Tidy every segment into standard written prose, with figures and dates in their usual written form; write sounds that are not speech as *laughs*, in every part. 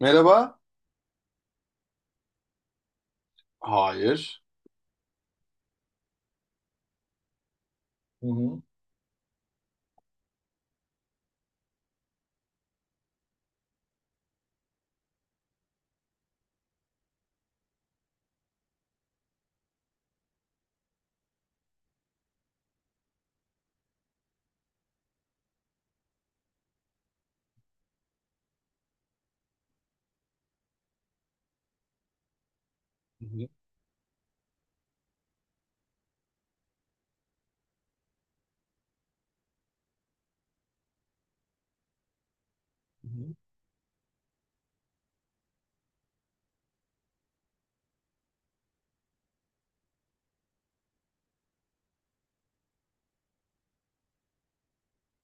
Merhaba. Hayır. Hı hı. Hı hı, hı hı.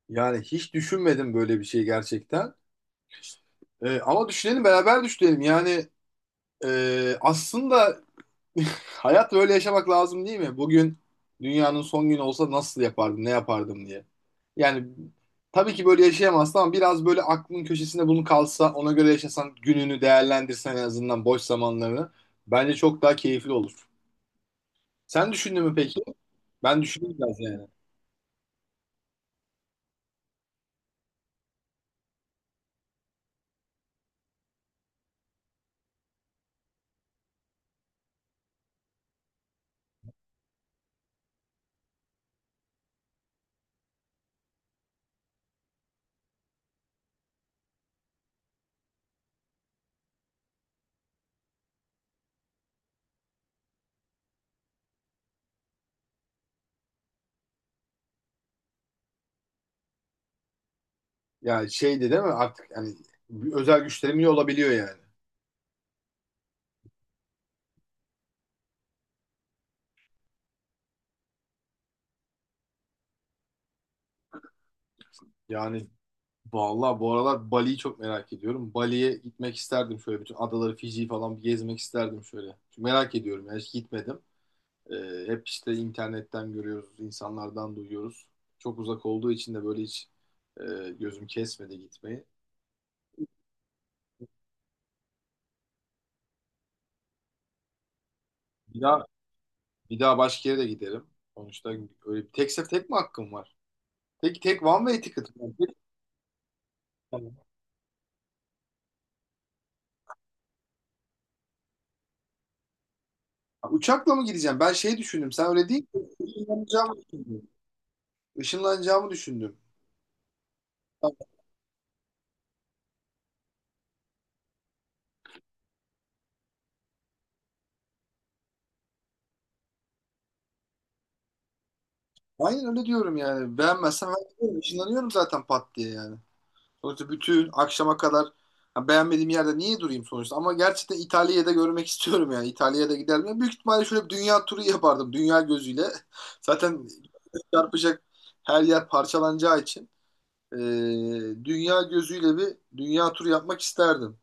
Yani hiç düşünmedim böyle bir şey gerçekten. Ama düşünelim, beraber düşünelim. Aslında *laughs* hayat böyle yaşamak lazım değil mi? Bugün dünyanın son günü olsa nasıl yapardım, ne yapardım diye. Yani tabii ki böyle yaşayamazsın ama biraz böyle aklının köşesinde bunu kalsa, ona göre yaşasan, gününü değerlendirsen en azından boş zamanlarını bence çok daha keyifli olur. Sen düşündün mü peki? Ben düşündüm biraz yani. Yani şeydi değil mi? Artık yani bir özel güçlerim iyi olabiliyor yani. Yani vallahi bu aralar Bali'yi çok merak ediyorum. Bali'ye gitmek isterdim, şöyle bütün adaları, Fiji'yi falan bir gezmek isterdim şöyle. Çünkü merak ediyorum yani, hiç gitmedim. Hep işte internetten görüyoruz, insanlardan duyuyoruz. Çok uzak olduğu için de böyle hiç e, gözüm kesmedi gitmeyi. Bir daha bir daha başka yere de giderim. Sonuçta öyle bir tek tek mi hakkım var? Tek tek one way ticket. Uçakla mı gideceğim? Ben şey düşündüm. Sen öyle değil mi? Işınlanacağımı düşündüm. Işınlanacağımı düşündüm. Tamam. Aynen öyle diyorum yani. Beğenmezsem ben gidiyorum. Işınlanıyorum zaten pat diye yani. Sonuçta bütün akşama kadar ha, beğenmediğim yerde niye durayım sonuçta? Ama gerçekten İtalya'da görmek *laughs* istiyorum yani. İtalya'da giderdim. Ya büyük ihtimalle şöyle bir dünya turu yapardım. Dünya gözüyle. *laughs* Zaten çarpacak, her yer parçalanacağı için. Ee, Dünya gözüyle bir dünya turu yapmak isterdim.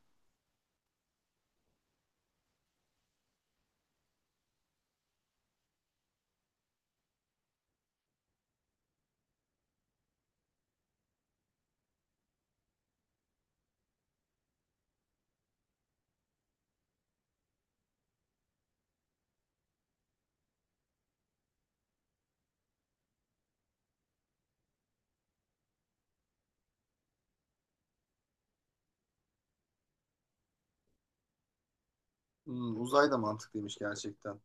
Hmm, uzay da mantıklıymış gerçekten.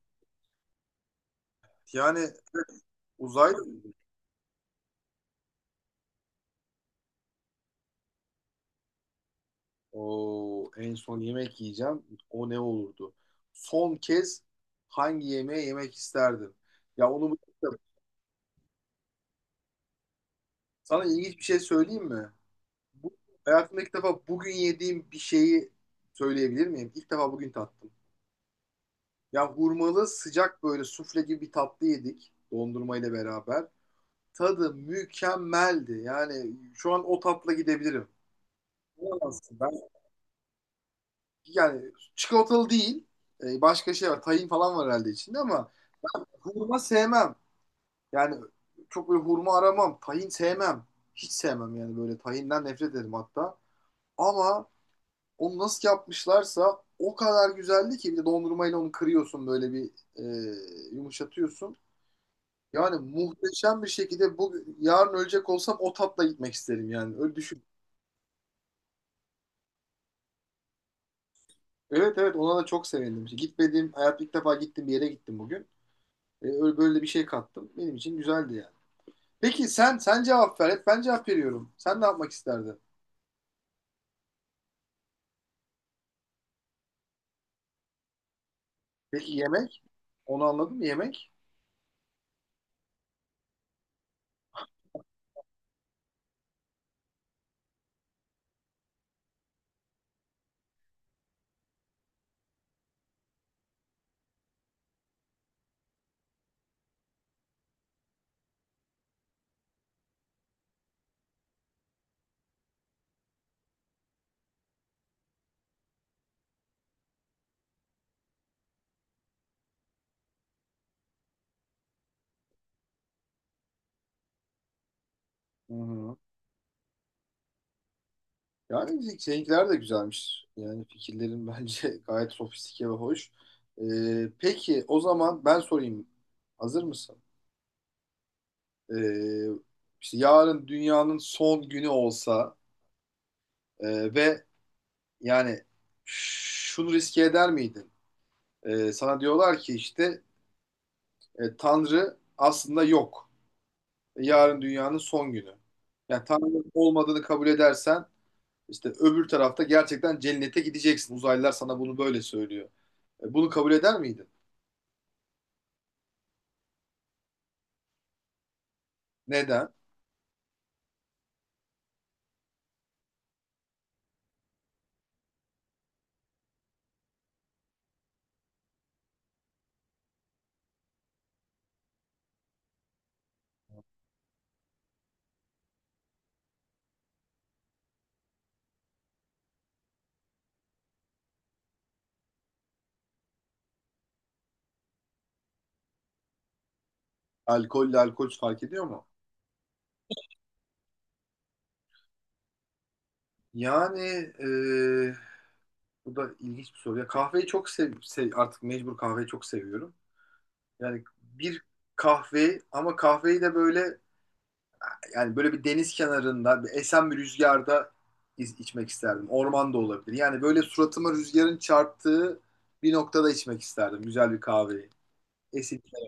Yani uzay. O en son yemek yiyeceğim. O ne olurdu? Son kez hangi yemeği yemek isterdim? Ya onu bıraktım. Sana ilginç bir şey söyleyeyim mi? Bu, hayatımda ilk defa bugün yediğim bir şeyi söyleyebilir miyim? İlk defa bugün tattım. Ya hurmalı sıcak böyle sufle gibi bir tatlı yedik, dondurma ile beraber. Tadı mükemmeldi. Yani şu an o tatla gidebilirim. İnanamazsın. Ben yani çikolatalı değil. Başka şey var. Tahin falan var herhalde içinde, ama hurma sevmem. Yani çok böyle hurma aramam. Tahin sevmem. Hiç sevmem yani, böyle tahinden nefret ederim hatta. Ama onu nasıl yapmışlarsa o kadar güzeldi ki, bir de dondurmayla onu kırıyorsun böyle bir e, yumuşatıyorsun. Yani muhteşem bir şekilde bu yarın ölecek olsam o tatla gitmek isterim yani. Öyle düşün. Evet evet, ona da çok sevindim. İşte gitmediğim hayat, ilk defa gittim, bir yere gittim bugün. Öyle böyle bir şey kattım. Benim için güzeldi yani. Peki sen, sen cevap ver. Hep ben cevap veriyorum. Sen ne yapmak isterdin? Peki yemek? Onu anladım, yemek. Hı hı. Yani bizim seninkiler de güzelmiş. Yani fikirlerin bence *laughs* gayet sofistike ve hoş. Peki o zaman ben sorayım. Hazır mısın? Ee, işte yarın dünyanın son günü olsa ve yani şunu riske eder miydin? Sana diyorlar ki işte Tanrı aslında yok. Yarın dünyanın son günü. Yani Tanrı olmadığını kabul edersen, İşte öbür tarafta gerçekten cennete gideceksin. Uzaylılar sana bunu böyle söylüyor. E, bunu kabul eder miydin? Neden? Alkolle, alkol fark ediyor mu? Yani e, Bu da ilginç bir soru. Ya kahveyi çok artık mecbur kahveyi çok seviyorum. Yani bir kahve, ama kahveyi de böyle, yani böyle bir deniz kenarında, bir esen bir rüzgarda içmek isterdim. Orman da olabilir. Yani böyle suratıma rüzgarın çarptığı bir noktada içmek isterdim güzel bir kahveyi. Esintiler.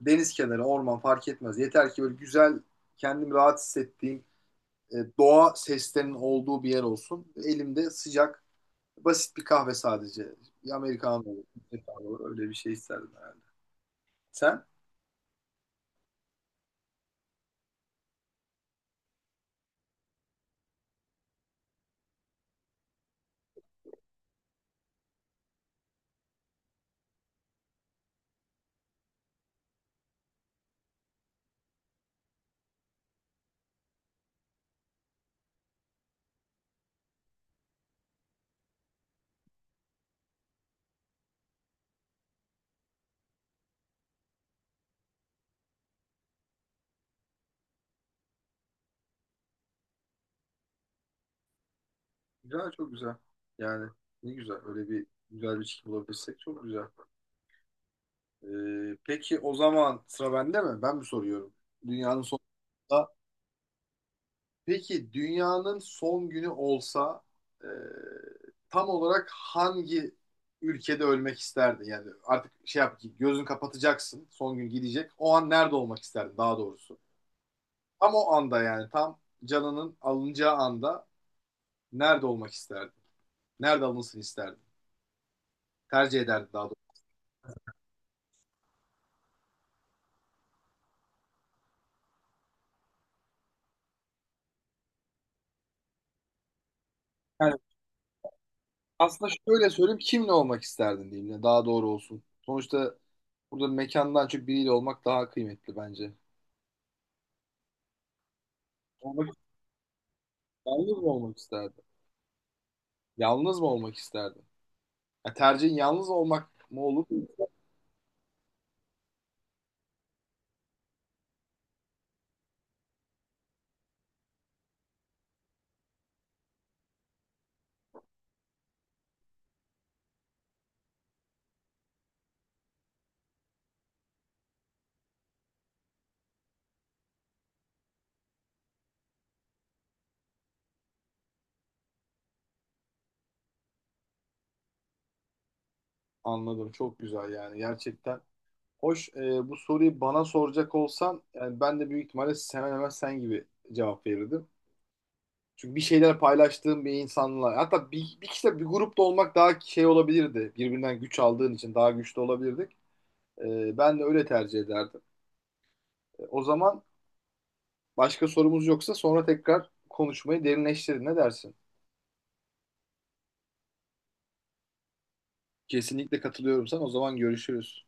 Deniz kenarı, orman fark etmez. Yeter ki böyle güzel, kendimi rahat hissettiğim, doğa seslerinin olduğu bir yer olsun. Elimde sıcak, basit bir kahve sadece. Bir Amerikan olur, bir kahve olur. Öyle bir şey isterdim herhalde. Sen? Güzel, çok güzel. Yani ne güzel. Öyle bir güzel bir çift bulabilirsek çok güzel. E, peki o zaman sıra bende mi? Ben mi soruyorum? Dünyanın sonunda peki dünyanın son günü olsa, e, tam olarak hangi ülkede ölmek isterdin? Yani artık şey yap ki gözün kapatacaksın. Son gün gidecek. O an nerede olmak isterdin daha doğrusu? Tam o anda, yani tam canının alınacağı anda nerede olmak isterdin? Nerede alınsın isterdin? Tercih ederdin daha doğrusu. Yani aslında şöyle söyleyeyim, kimle olmak isterdin diyeyim de daha doğru olsun. Sonuçta burada mekandan çok biriyle olmak daha kıymetli bence. Olmak, yalnız mı olmak isterdin? Yalnız mı olmak isterdin? Ya tercihin yalnız olmak mı olur? Anladım. Çok güzel yani. Gerçekten hoş. Bu soruyu bana soracak olsan, yani ben de büyük ihtimalle hemen hemen sen gibi cevap verirdim. Çünkü bir şeyler paylaştığım bir insanla, hatta bir kişiyle bir grupta olmak daha şey olabilirdi. Birbirinden güç aldığın için daha güçlü olabilirdik. Ben de öyle tercih ederdim. O zaman başka sorumuz yoksa sonra tekrar konuşmayı derinleştirin. Ne dersin? Kesinlikle katılıyorum sana. O zaman görüşürüz.